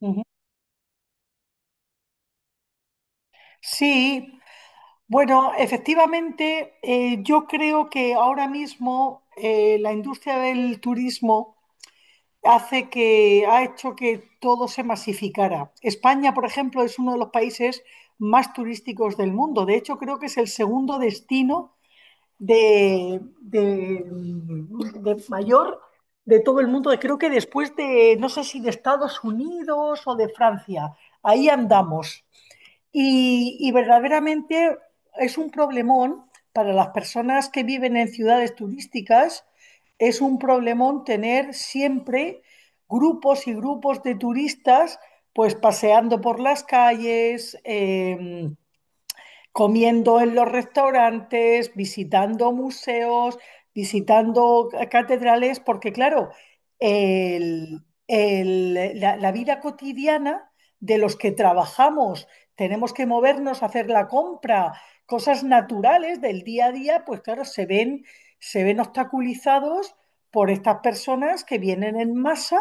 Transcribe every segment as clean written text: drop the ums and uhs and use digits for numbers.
Ujú. Sí, bueno, efectivamente, yo creo que ahora mismo la industria del turismo ha hecho que todo se masificara. España, por ejemplo, es uno de los países más turísticos del mundo. De hecho, creo que es el segundo destino de mayor de todo el mundo. Creo que después de, no sé si de Estados Unidos o de Francia. Ahí andamos. Y verdaderamente es un problemón para las personas que viven en ciudades turísticas, es un problemón tener siempre grupos y grupos de turistas pues paseando por las calles, comiendo en los restaurantes, visitando museos, visitando catedrales, porque claro, el- la vida cotidiana de los que trabajamos, tenemos que movernos, a hacer la compra, cosas naturales del día a día, pues claro, se ven obstaculizados por estas personas que vienen en masa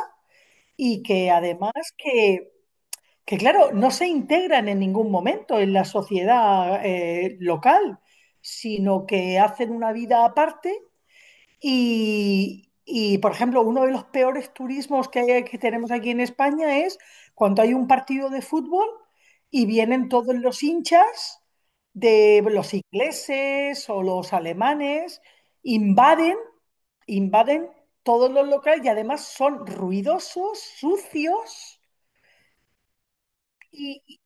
y que además que que claro, no se integran en ningún momento en la sociedad local, sino que hacen una vida aparte y, por ejemplo, uno de los peores turismos que tenemos aquí en España es cuando hay un partido de fútbol y vienen todos los hinchas de los ingleses o los alemanes, invaden, invaden todos los locales y además son ruidosos, sucios. Y,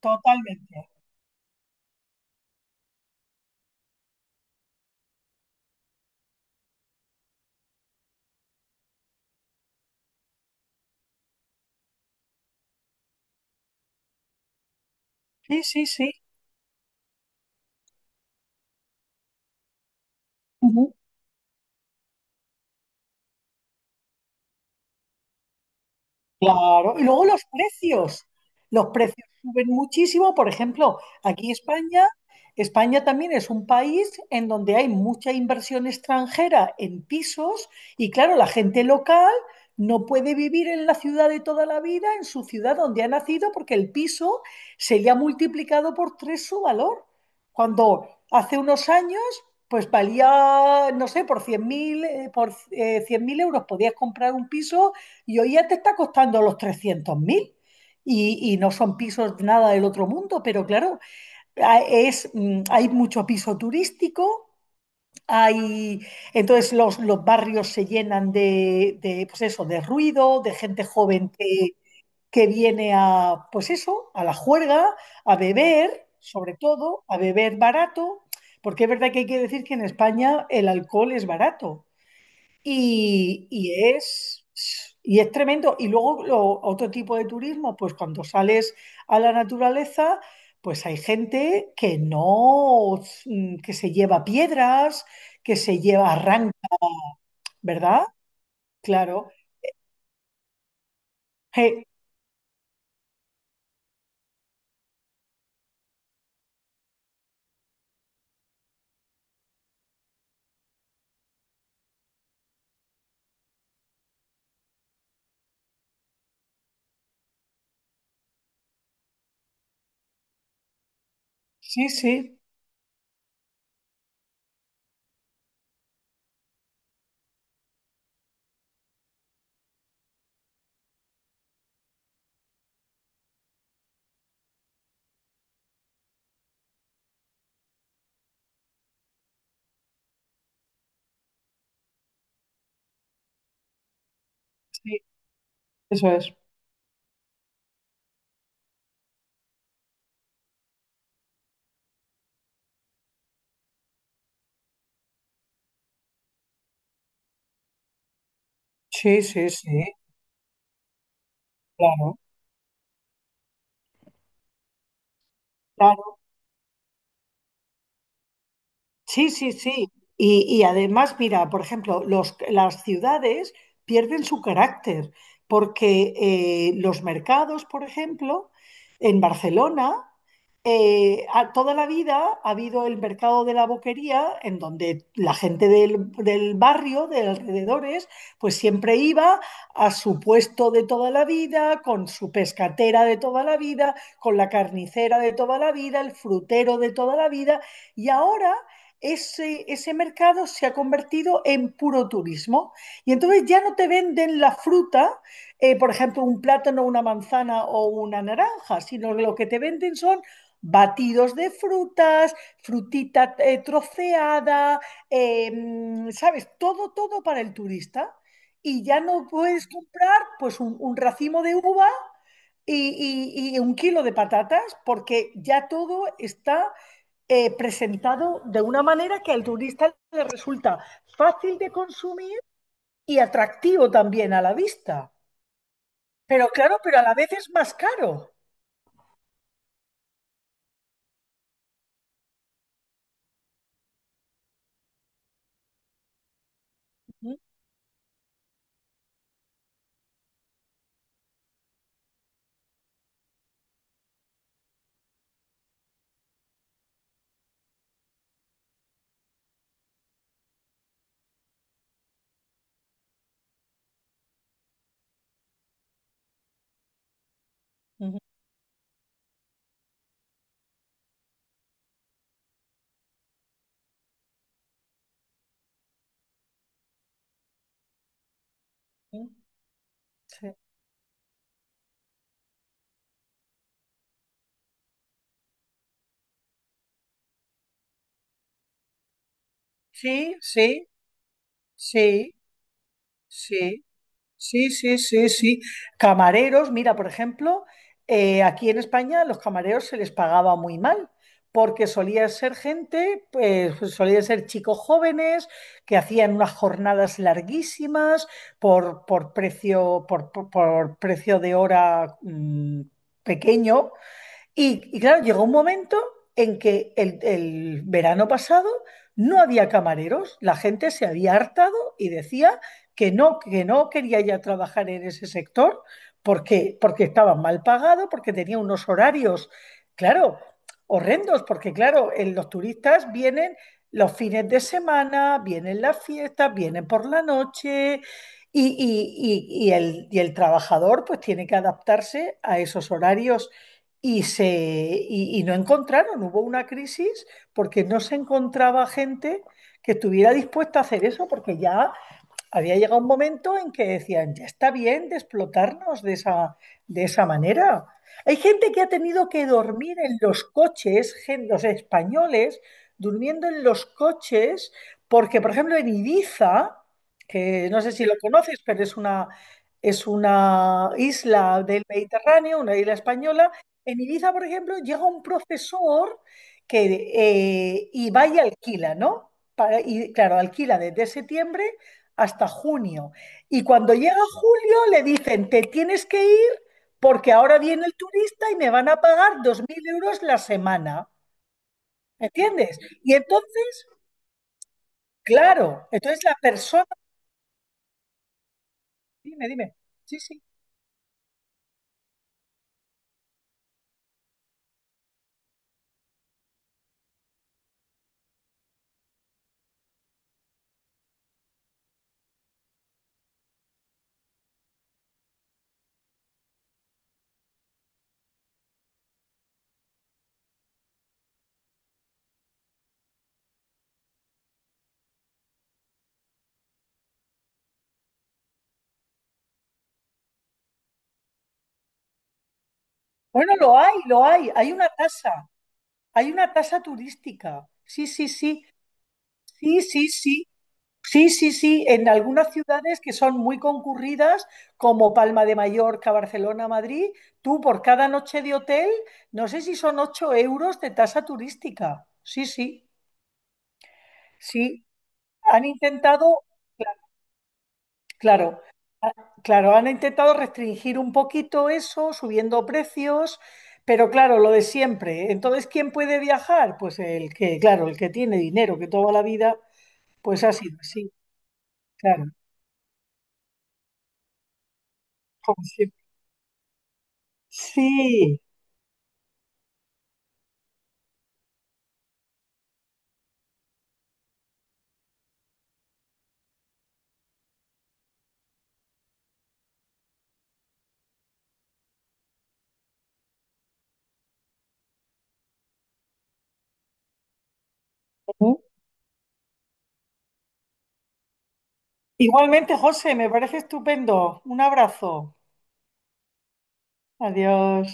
Totalmente. Sí, sí, sí. Ujú. Claro, y luego los precios. Los precios suben muchísimo. Por ejemplo, aquí España también es un país en donde hay mucha inversión extranjera en pisos y claro, la gente local no puede vivir en la ciudad de toda la vida, en su ciudad donde ha nacido, porque el piso se le ha multiplicado por tres su valor. Cuando hace unos años, pues valía, no sé, por 100.000, 100.000 euros podías comprar un piso y hoy ya te está costando los 300.000 , y no son pisos nada del otro mundo, pero claro, hay mucho piso turístico. Hay, entonces los barrios se llenan de, pues eso, de ruido, de gente joven que viene a, pues eso, a la juerga, a beber, sobre todo, a beber barato, porque es verdad que hay que decir que en España el alcohol es barato. Y y es tremendo. Y luego otro tipo de turismo, pues cuando sales a la naturaleza, pues hay gente que no, que se lleva piedras, que se lleva arranques, ¿verdad? Claro. Eh, sí, sí, sí, eso es. Sí, sí, sí, claro. Claro. Sí, sí, sí. Y además, mira, por ejemplo, las ciudades pierden su carácter porque los mercados, por ejemplo, en Barcelona toda la vida ha habido el mercado de la Boquería, en donde la gente del barrio, de alrededores, pues siempre iba a su puesto de toda la vida, con su pescatera de toda la vida, con la carnicera de toda la vida, el frutero de toda la vida, y ahora, ese mercado se ha convertido en puro turismo y entonces ya no te venden la fruta, por ejemplo, un plátano, una manzana o una naranja, sino lo que te venden son batidos de frutas, frutita troceada, eh, ¿sabes? Todo, todo para el turista. Y ya no puedes comprar pues un racimo de uva y un kilo de patatas porque ya todo está presentado de una manera que al turista le resulta fácil de consumir y atractivo también a la vista. Pero claro, pero a la vez es más caro. Ujú, ujú, ujú. Sí, sí, sí. Sí. Sí, sí, sí, sí, sí. Camareros, mira, por ejemplo, aquí en España los camareros se les pagaba muy mal, porque solía ser gente, pues solía ser chicos jóvenes que hacían unas jornadas larguísimas por precio de hora pequeño. Y claro, llegó un momento en que el verano pasado no había camareros, la gente se había hartado y decía que no quería ya trabajar en ese sector porque estaba mal pagado, porque tenía unos horarios, claro, horrendos, porque claro, en los turistas vienen los fines de semana, vienen las fiestas, vienen por la noche y el trabajador pues tiene que adaptarse a esos horarios y no encontraron, hubo una crisis porque no se encontraba gente que estuviera dispuesta a hacer eso, porque ya había llegado un momento en que decían, ya está bien de explotarnos de esa manera. Hay gente que ha tenido que dormir en los coches, los españoles durmiendo en los coches, porque, por ejemplo, en Ibiza, que no sé si lo conoces, pero es una isla del Mediterráneo, una isla española, en Ibiza, por ejemplo, llega un profesor y va y alquila, ¿no? Y claro, alquila desde septiembre hasta junio. Y cuando llega julio le dicen, te tienes que ir porque ahora viene el turista y me van a pagar 2.000 euros la semana. ¿Me entiendes? Y entonces, claro, entonces la persona, dime, dime, sí, sí. Bueno, lo hay, hay una tasa turística. Sí, sí, sí, sí, sí, sí. Sí, sí, sí, en algunas ciudades que son muy concurridas, como Palma de Mallorca, Barcelona, Madrid, tú por cada noche de hotel, no sé si son 8 euros de tasa turística. Sí, sí, sí. Han intentado, claro, a- claro, han intentado restringir un poquito eso, subiendo precios, pero claro, lo de siempre. Entonces, ¿quién puede viajar? Pues el que, claro, el que tiene dinero, que toda la vida, pues ha sido así, claro, como siempre. Sí. Igualmente, José, me parece estupendo. Un abrazo. Adiós.